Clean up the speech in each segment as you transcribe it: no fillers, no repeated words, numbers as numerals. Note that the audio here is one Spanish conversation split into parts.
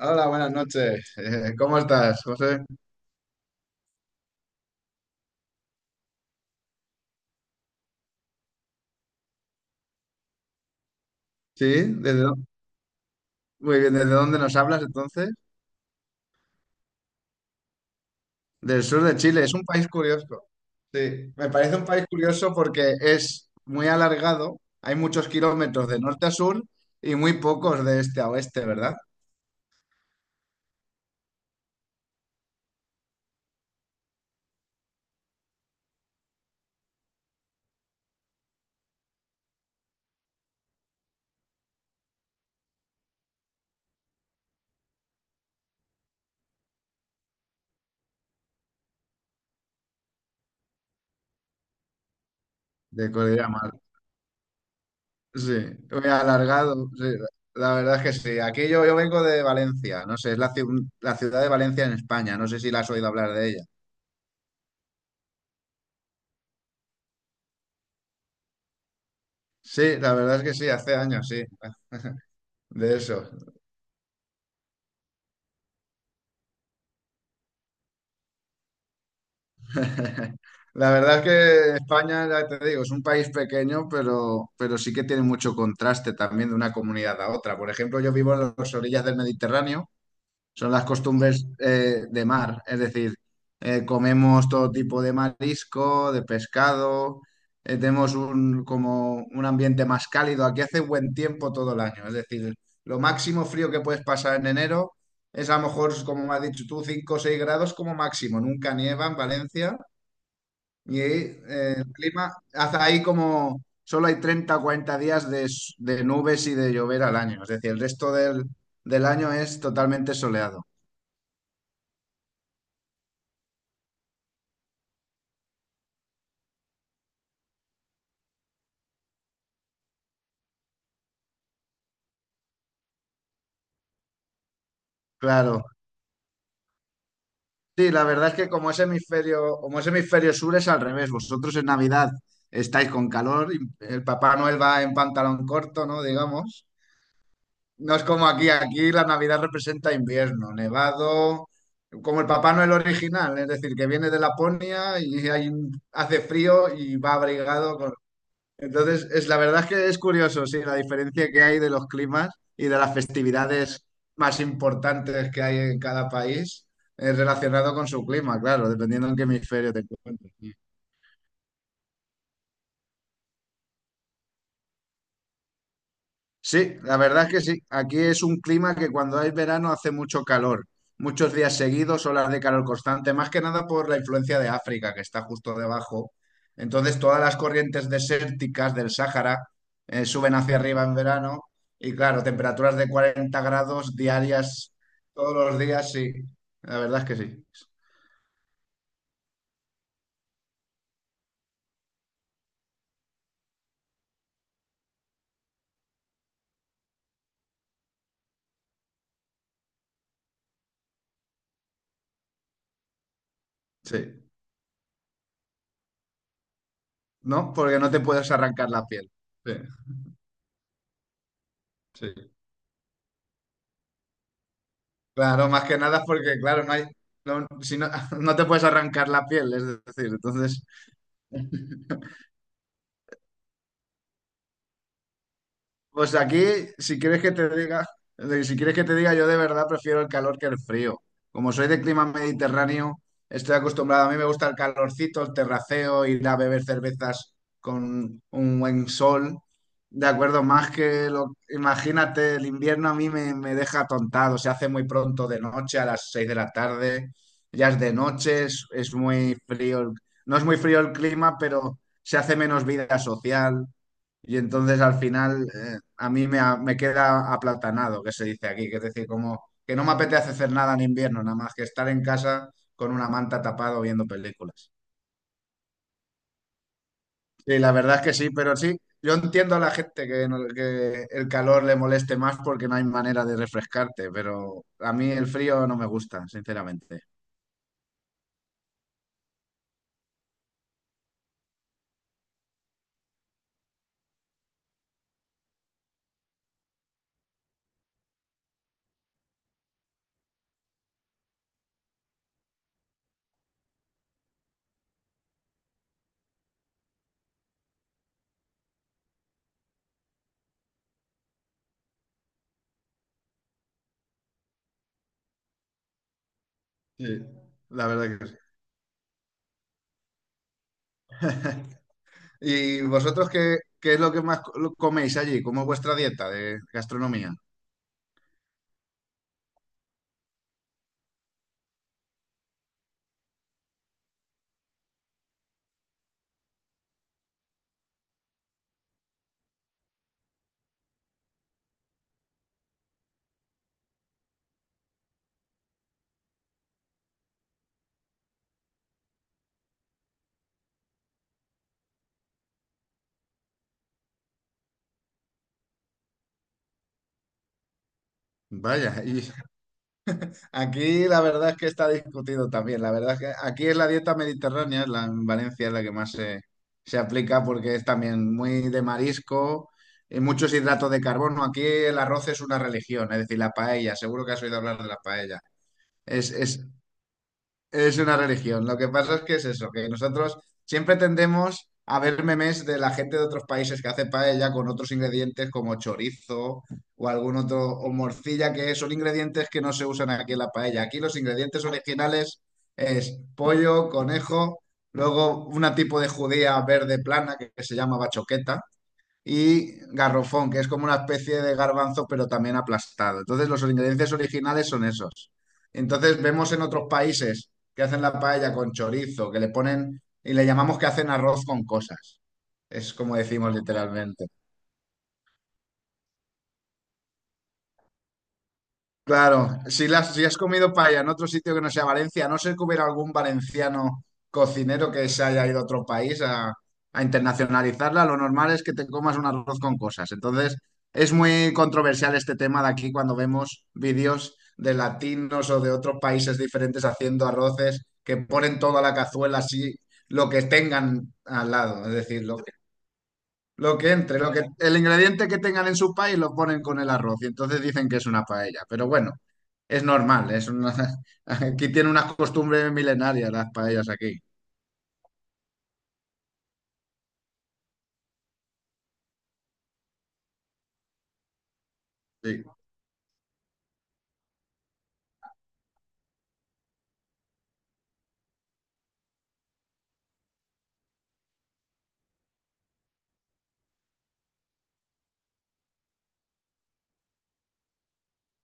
Hola, buenas noches. ¿Cómo estás, José? Sí, ¿Desde dó- muy bien. ¿Desde dónde nos hablas entonces? Del sur de Chile. Es un país curioso. Sí, me parece un país curioso porque es muy alargado. Hay muchos kilómetros de norte a sur y muy pocos de este a oeste, ¿verdad? De Cordillera Mar. Sí, muy alargado. Sí, la verdad es que sí. Aquí yo vengo de Valencia. No sé, es la ciudad de Valencia en España. No sé si la has oído hablar de ella. Sí, la verdad es que sí, hace años, sí, de eso. La verdad es que España, ya te digo, es un país pequeño, pero sí que tiene mucho contraste también de una comunidad a otra. Por ejemplo, yo vivo en las orillas del Mediterráneo, son las costumbres de mar, es decir, comemos todo tipo de marisco, de pescado, tenemos como un ambiente más cálido. Aquí hace buen tiempo todo el año, es decir, lo máximo frío que puedes pasar en enero es a lo mejor, como me has dicho tú, 5 o 6 grados como máximo, nunca nieva en Valencia. Y ahí, el clima, hace ahí como solo hay treinta o 40 días de nubes y de llover al año. Es decir, el resto del año es totalmente soleado. Claro. Sí, la verdad es que como es hemisferio sur es al revés. Vosotros en Navidad estáis con calor y el Papá Noel va en pantalón corto, ¿no? Digamos. No es como aquí la Navidad representa invierno, nevado, como el Papá Noel original, es decir, que viene de Laponia y hace frío y va abrigado con... Entonces, la verdad es que es curioso, sí, la diferencia que hay de los climas y de las festividades más importantes que hay en cada país relacionado con su clima, claro, dependiendo en qué hemisferio te encuentres. Sí, la verdad es que sí. Aquí es un clima que cuando hay verano hace mucho calor, muchos días seguidos, olas de calor constante, más que nada por la influencia de África, que está justo debajo. Entonces, todas las corrientes desérticas del Sáhara suben hacia arriba en verano y, claro, temperaturas de 40 grados diarias todos los días, sí. La verdad es que sí. Sí. ¿No? Porque no te puedes arrancar la piel. Sí, sí. Claro, más que nada porque, claro, no hay, no, si no, no te puedes arrancar la piel, es decir, entonces, pues aquí, si quieres que te diga, de- si quieres que te diga, yo de verdad prefiero el calor que el frío. Como soy de clima mediterráneo, estoy acostumbrado. A mí me gusta el calorcito, el terraceo, ir a beber cervezas con un buen sol. De acuerdo, más que lo... Imagínate, el invierno a mí me deja atontado. Se hace muy pronto de noche, a las seis de la tarde. Ya es de noche, es muy frío. No es muy frío el clima, pero se hace menos vida social. Y entonces al final a mí me queda aplatanado, que se dice aquí, que es decir, como que no me apetece hacer nada en invierno, nada más que estar en casa con una manta tapado viendo películas. Sí, la verdad es que sí, pero sí, yo entiendo a la gente que, que el calor le moleste más porque no hay manera de refrescarte, pero a mí el frío no me gusta, sinceramente. Sí, la verdad que sí. ¿Y vosotros qué es lo que más coméis allí? ¿Cómo es vuestra dieta de gastronomía? Vaya, aquí la verdad es que está discutido también. La verdad es que aquí es la dieta mediterránea, en Valencia es la que más se aplica porque es también muy de marisco y muchos hidratos de carbono. Aquí el arroz es una religión, es decir, la paella. Seguro que has oído hablar de la paella. Es, es es una religión. Lo que pasa es que es eso, que nosotros siempre tendemos a ver memes de la gente de otros países que hace paella con otros ingredientes como chorizo o algún otro, o morcilla, que son ingredientes que no se usan aquí en la paella. Aquí los ingredientes originales es pollo, conejo, luego una tipo de judía verde plana que se llama bachoqueta y garrofón, que es como una especie de garbanzo, pero también aplastado. Entonces, los ingredientes originales son esos. Entonces, vemos en otros países que hacen la paella con chorizo, que le ponen y le llamamos que hacen arroz con cosas. Es como decimos literalmente. Claro, si has comido paella en otro sitio que no sea Valencia, a no ser que hubiera algún valenciano cocinero que se haya ido a otro país a internacionalizarla, lo normal es que te comas un arroz con cosas. Entonces, es muy controversial este tema de aquí cuando vemos vídeos de latinos o de otros países diferentes haciendo arroces que ponen toda la cazuela así, lo que tengan al lado. Es decir, lo que entre, bueno, el ingrediente que tengan en su país lo ponen con el arroz y entonces dicen que es una paella. Pero bueno, es normal, aquí tiene unas costumbres milenarias las paellas aquí. Sí,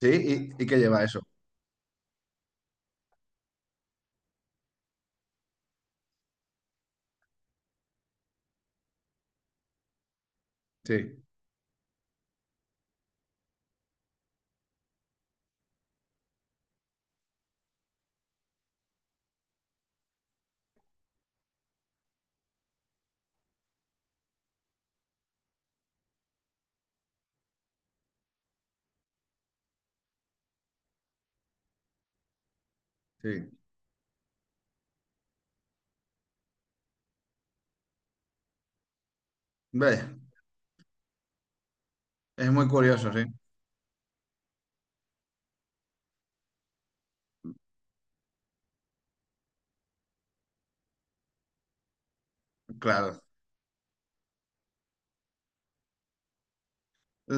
sí, y que lleva eso. Sí, sí. Ve, es muy curioso, sí, claro.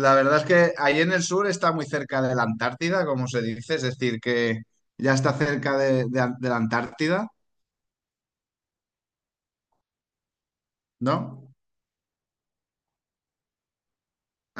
La verdad es que ahí en el sur está muy cerca de la Antártida, como se dice, es decir, que ya está cerca de la Antártida, ¿no?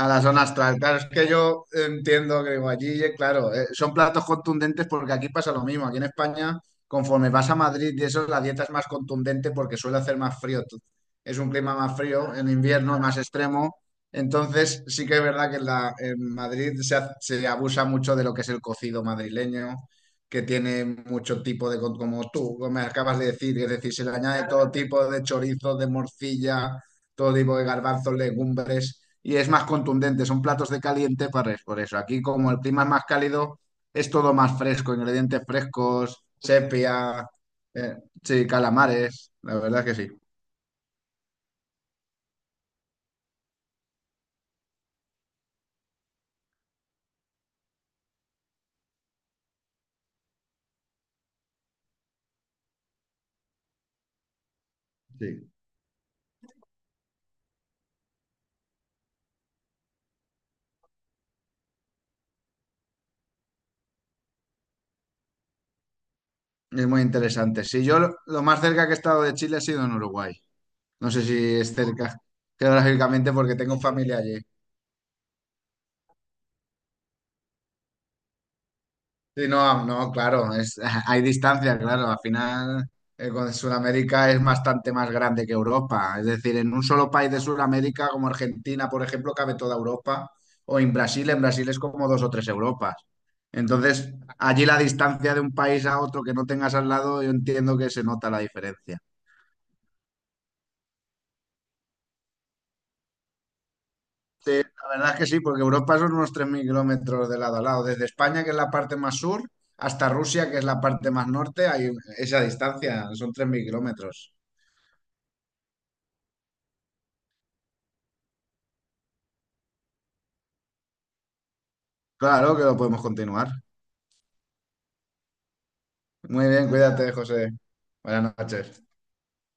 A la zona astral, claro, es que yo entiendo que digo, allí, claro, son platos contundentes porque aquí pasa lo mismo. Aquí en España, conforme vas a Madrid y eso, la dieta es más contundente porque suele hacer más frío. Es un clima más frío, en invierno es más extremo. Entonces, sí que es verdad que en Madrid se abusa mucho de lo que es el cocido madrileño, que tiene mucho tipo de, como tú me acabas de decir, es decir, se le añade todo tipo de chorizos, de morcilla, todo tipo de garbanzos, legumbres y es más contundente, son platos de caliente para por eso. Aquí como el clima es más cálido, es todo más fresco, ingredientes frescos, sepia, eh, sí, calamares, la verdad que sí, sí, es muy interesante. Sí, yo lo más cerca que he estado de Chile ha sido en Uruguay, no sé si es cerca geográficamente porque tengo familia allí. Sí, no, no, claro, hay distancia, claro. Al final, con Sudamérica es bastante más grande que Europa. Es decir, en un solo país de Sudamérica, como Argentina, por ejemplo, cabe toda Europa. O en Brasil es como dos o tres Europas. Entonces, allí la distancia de un país a otro que no tengas al lado, yo entiendo que se nota la diferencia. Sí, la verdad es que sí, porque Europa son unos 3.000 kilómetros de lado a lado. Desde España, que es la parte más sur, hasta Rusia, que es la parte más norte, hay esa distancia, son 3.000 kilómetros. Claro que lo podemos continuar. Muy bien, cuídate, José. Buenas noches.